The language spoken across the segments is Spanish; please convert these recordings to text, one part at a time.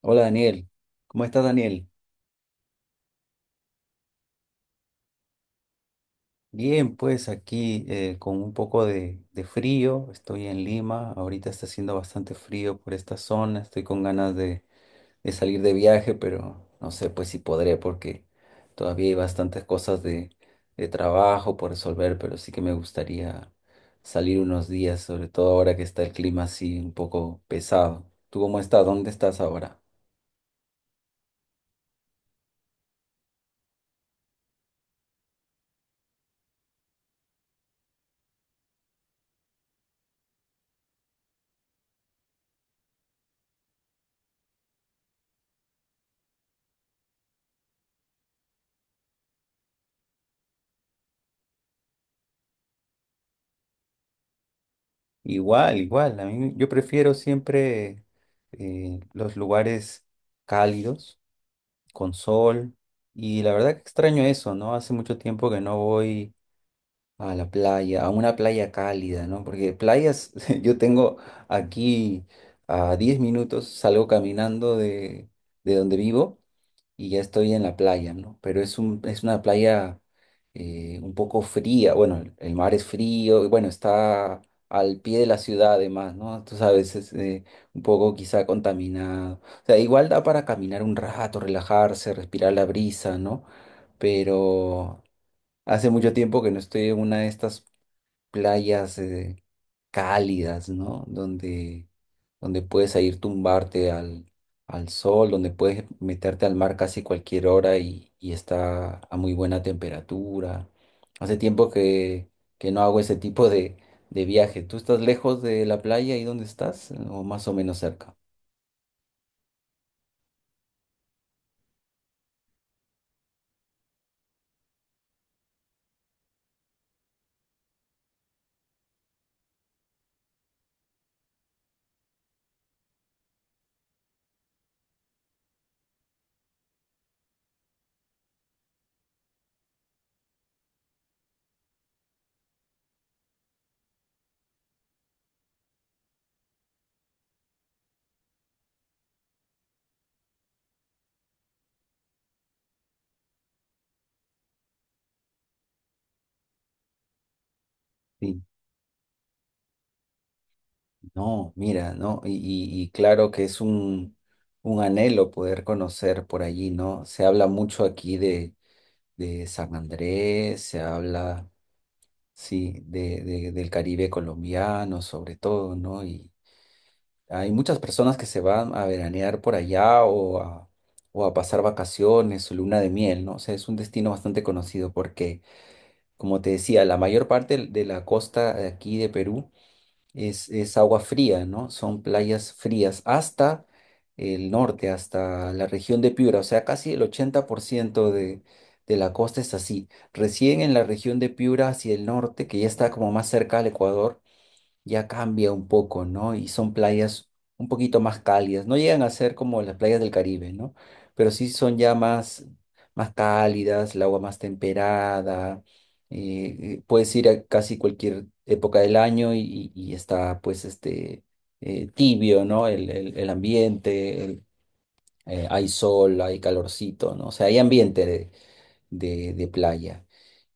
Hola Daniel, ¿cómo estás Daniel? Bien, pues aquí con un poco de frío, estoy en Lima, ahorita está haciendo bastante frío por esta zona, estoy con ganas de salir de viaje, pero no sé pues si podré porque todavía hay bastantes cosas de trabajo por resolver, pero sí que me gustaría salir unos días, sobre todo ahora que está el clima así un poco pesado. ¿Tú cómo estás? ¿Dónde estás ahora? Igual, igual. A mí, yo prefiero siempre los lugares cálidos, con sol. Y la verdad que extraño eso, ¿no? Hace mucho tiempo que no voy a la playa, a una playa cálida, ¿no? Porque playas, yo tengo aquí a 10 minutos, salgo caminando de donde vivo y ya estoy en la playa, ¿no? Pero es una playa un poco fría, bueno, el mar es frío, y bueno, está al pie de la ciudad además, ¿no? Tú sabes, es un poco quizá contaminado. O sea, igual da para caminar un rato, relajarse, respirar la brisa, ¿no? Pero hace mucho tiempo que no estoy en una de estas playas cálidas, ¿no? Donde, donde puedes ahí tumbarte al sol, donde puedes meterte al mar casi cualquier hora y está a muy buena temperatura. Hace tiempo que no hago ese tipo de viaje. ¿Tú estás lejos de la playa y dónde estás? ¿O más o menos cerca? Sí, no, mira, ¿no? Y claro que es un anhelo poder conocer por allí, ¿no? Se habla mucho aquí de San Andrés, se habla. Sí, de del Caribe colombiano sobre todo, ¿no? Y hay muchas personas que se van a veranear por allá o a pasar vacaciones su luna de miel, ¿no? O sea, es un destino bastante conocido porque, como te decía, la mayor parte de la costa de aquí de Perú es agua fría, ¿no? Son playas frías hasta el norte, hasta la región de Piura, o sea, casi el 80% de la costa es así. Recién en la región de Piura hacia el norte, que ya está como más cerca al Ecuador, ya cambia un poco, ¿no? Y son playas un poquito más cálidas. No llegan a ser como las playas del Caribe, ¿no? Pero sí son ya más, más cálidas, el agua más temperada. Puedes ir a casi cualquier época del año y está pues este tibio, ¿no? El ambiente, hay sol, hay calorcito, ¿no? O sea, hay ambiente de playa.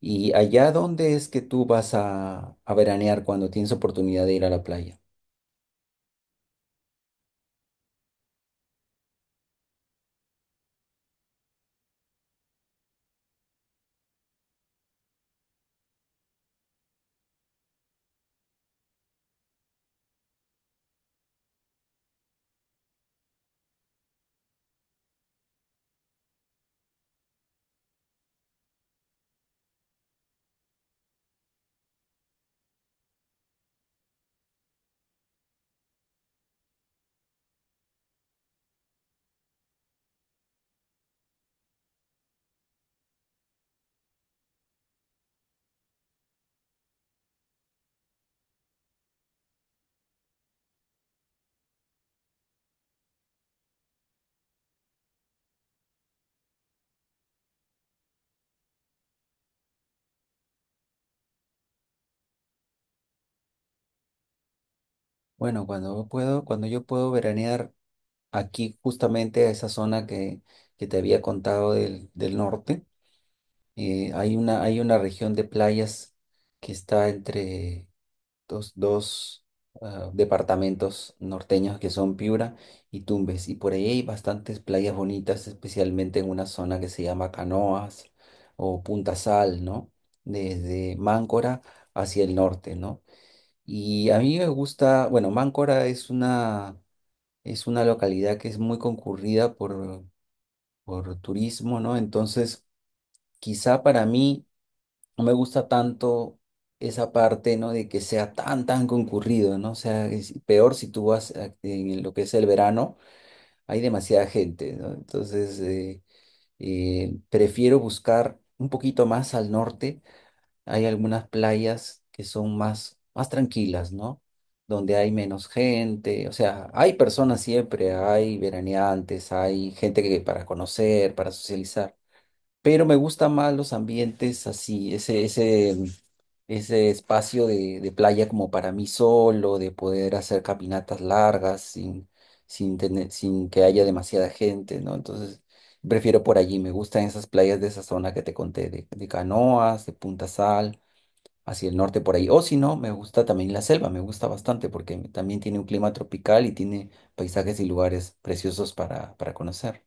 ¿Y allá dónde es que tú vas a veranear cuando tienes oportunidad de ir a la playa? Bueno, cuando puedo, cuando yo puedo veranear aquí justamente a esa zona que te había contado del norte, hay una región de playas que está entre dos, dos departamentos norteños que son Piura y Tumbes. Y por ahí hay bastantes playas bonitas, especialmente en una zona que se llama Canoas o Punta Sal, ¿no? Desde Máncora hacia el norte, ¿no? Y a mí me gusta, bueno, Máncora es una localidad que es muy concurrida por turismo, ¿no? Entonces, quizá para mí no me gusta tanto esa parte, ¿no? De que sea tan, tan concurrido, ¿no? O sea, es peor si tú en lo que es el verano, hay demasiada gente, ¿no? Entonces, prefiero buscar un poquito más al norte hay algunas playas que son más, más tranquilas, ¿no? Donde hay menos gente, o sea, hay personas siempre, hay veraneantes, hay gente que para conocer, para socializar, pero me gustan más los ambientes así, ese espacio de playa como para mí solo, de poder hacer caminatas largas sin tener, sin que haya demasiada gente, ¿no? Entonces, prefiero por allí, me gustan esas playas de esa zona que te conté, de Canoas, de Punta Sal hacia el norte por ahí. O si no, me gusta también la selva, me gusta bastante porque también tiene un clima tropical y tiene paisajes y lugares preciosos para conocer.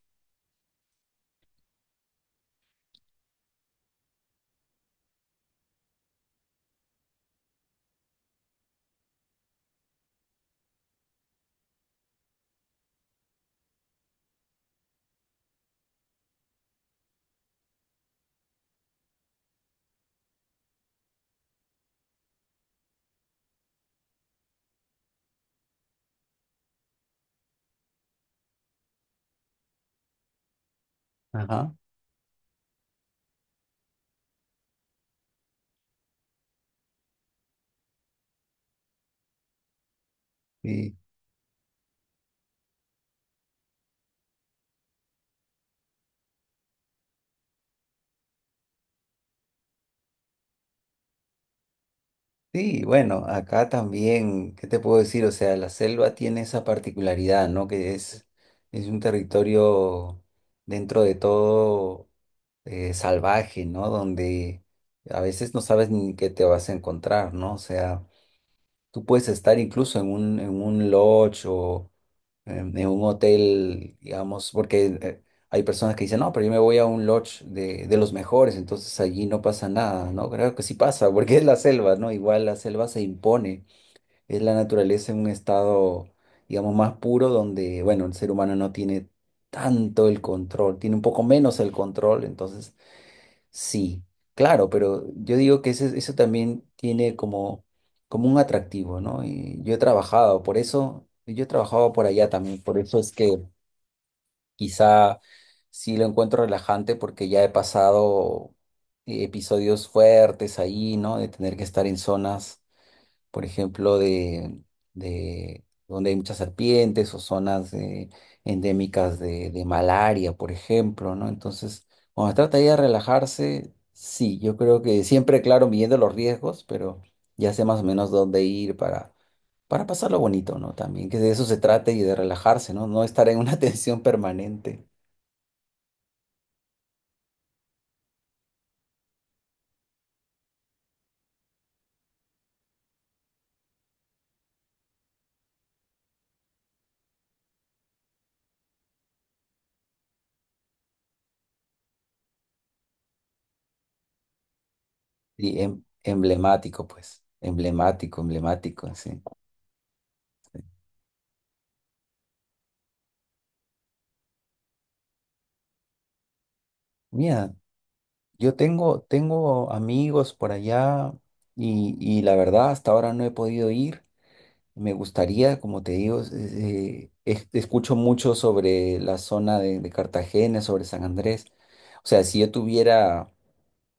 Ajá. Sí. Sí, bueno, acá también, ¿qué te puedo decir? O sea, la selva tiene esa particularidad, ¿no? Que es un territorio dentro de todo salvaje, ¿no? Donde a veces no sabes ni qué te vas a encontrar, ¿no? O sea, tú puedes estar incluso en en un lodge o en un hotel, digamos, porque hay personas que dicen, no, pero yo me voy a un lodge de los mejores, entonces allí no pasa nada, ¿no? Creo que sí pasa, porque es la selva, ¿no? Igual la selva se impone, es la naturaleza en un estado, digamos, más puro donde, bueno, el ser humano no tiene tanto el control, tiene un poco menos el control, entonces sí, claro, pero yo digo que ese eso también tiene como, como un atractivo, ¿no? Y yo he trabajado, por eso, yo he trabajado por allá también, por eso es que quizá sí lo encuentro relajante porque ya he pasado episodios fuertes ahí, ¿no? De tener que estar en zonas por ejemplo, de donde hay muchas serpientes o zonas endémicas de malaria, por ejemplo, ¿no? Entonces, cuando se trata ya de relajarse, sí, yo creo que siempre, claro, midiendo los riesgos, pero ya sé más o menos dónde ir para pasarlo bonito, ¿no? También que de eso se trate y de relajarse, ¿no? No estar en una tensión permanente. Y emblemático, pues, emblemático, emblemático, sí. Sí. Mira, yo tengo, tengo amigos por allá y la verdad hasta ahora no he podido ir. Me gustaría, como te digo, escucho mucho sobre la zona de Cartagena, sobre San Andrés. O sea, si yo tuviera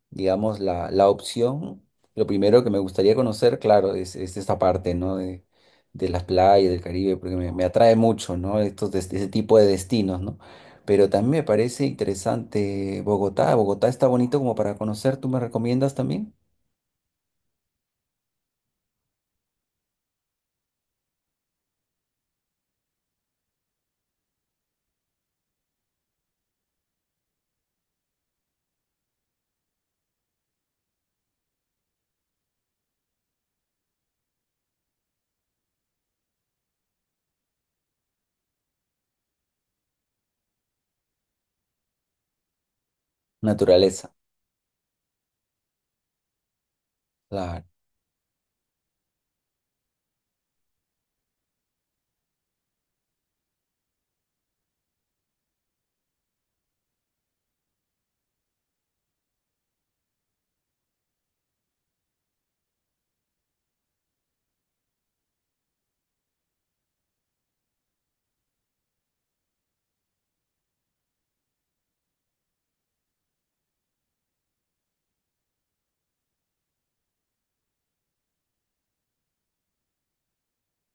digamos, la opción, lo primero que me gustaría conocer, claro, es esta parte, ¿no? De las playas del Caribe, porque me atrae mucho, ¿no? Ese tipo de destinos, ¿no? Pero también me parece interesante Bogotá. Bogotá está bonito como para conocer, ¿tú me recomiendas también? Naturaleza, claro.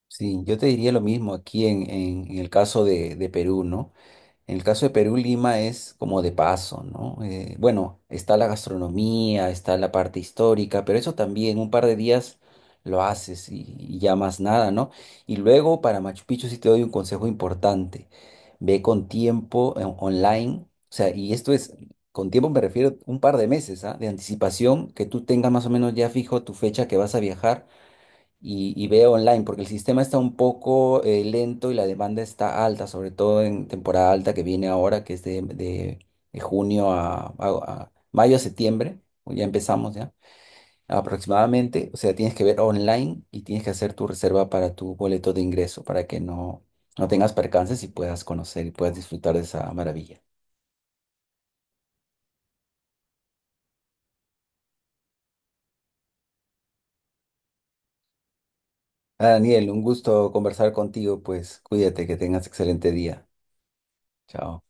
Sí, yo te diría lo mismo aquí en el caso de Perú, ¿no? En el caso de Perú, Lima es como de paso, ¿no? Bueno, está la gastronomía, está la parte histórica, pero eso también un par de días lo haces y ya más nada, ¿no? Y luego para Machu Picchu sí te doy un consejo importante. Ve con tiempo online, o sea, y esto es, con tiempo me refiero un par de meses, ¿ah? De anticipación, que tú tengas más o menos ya fijo tu fecha que vas a viajar y veo online, porque el sistema está un poco lento y la demanda está alta, sobre todo en temporada alta que viene ahora, que es de junio a mayo, a septiembre, o ya empezamos ya, aproximadamente. O sea, tienes que ver online y tienes que hacer tu reserva para tu boleto de ingreso para que no, no tengas percances y puedas conocer y puedas disfrutar de esa maravilla. Ah, Daniel, un gusto conversar contigo, pues cuídate, que tengas excelente día. Chao.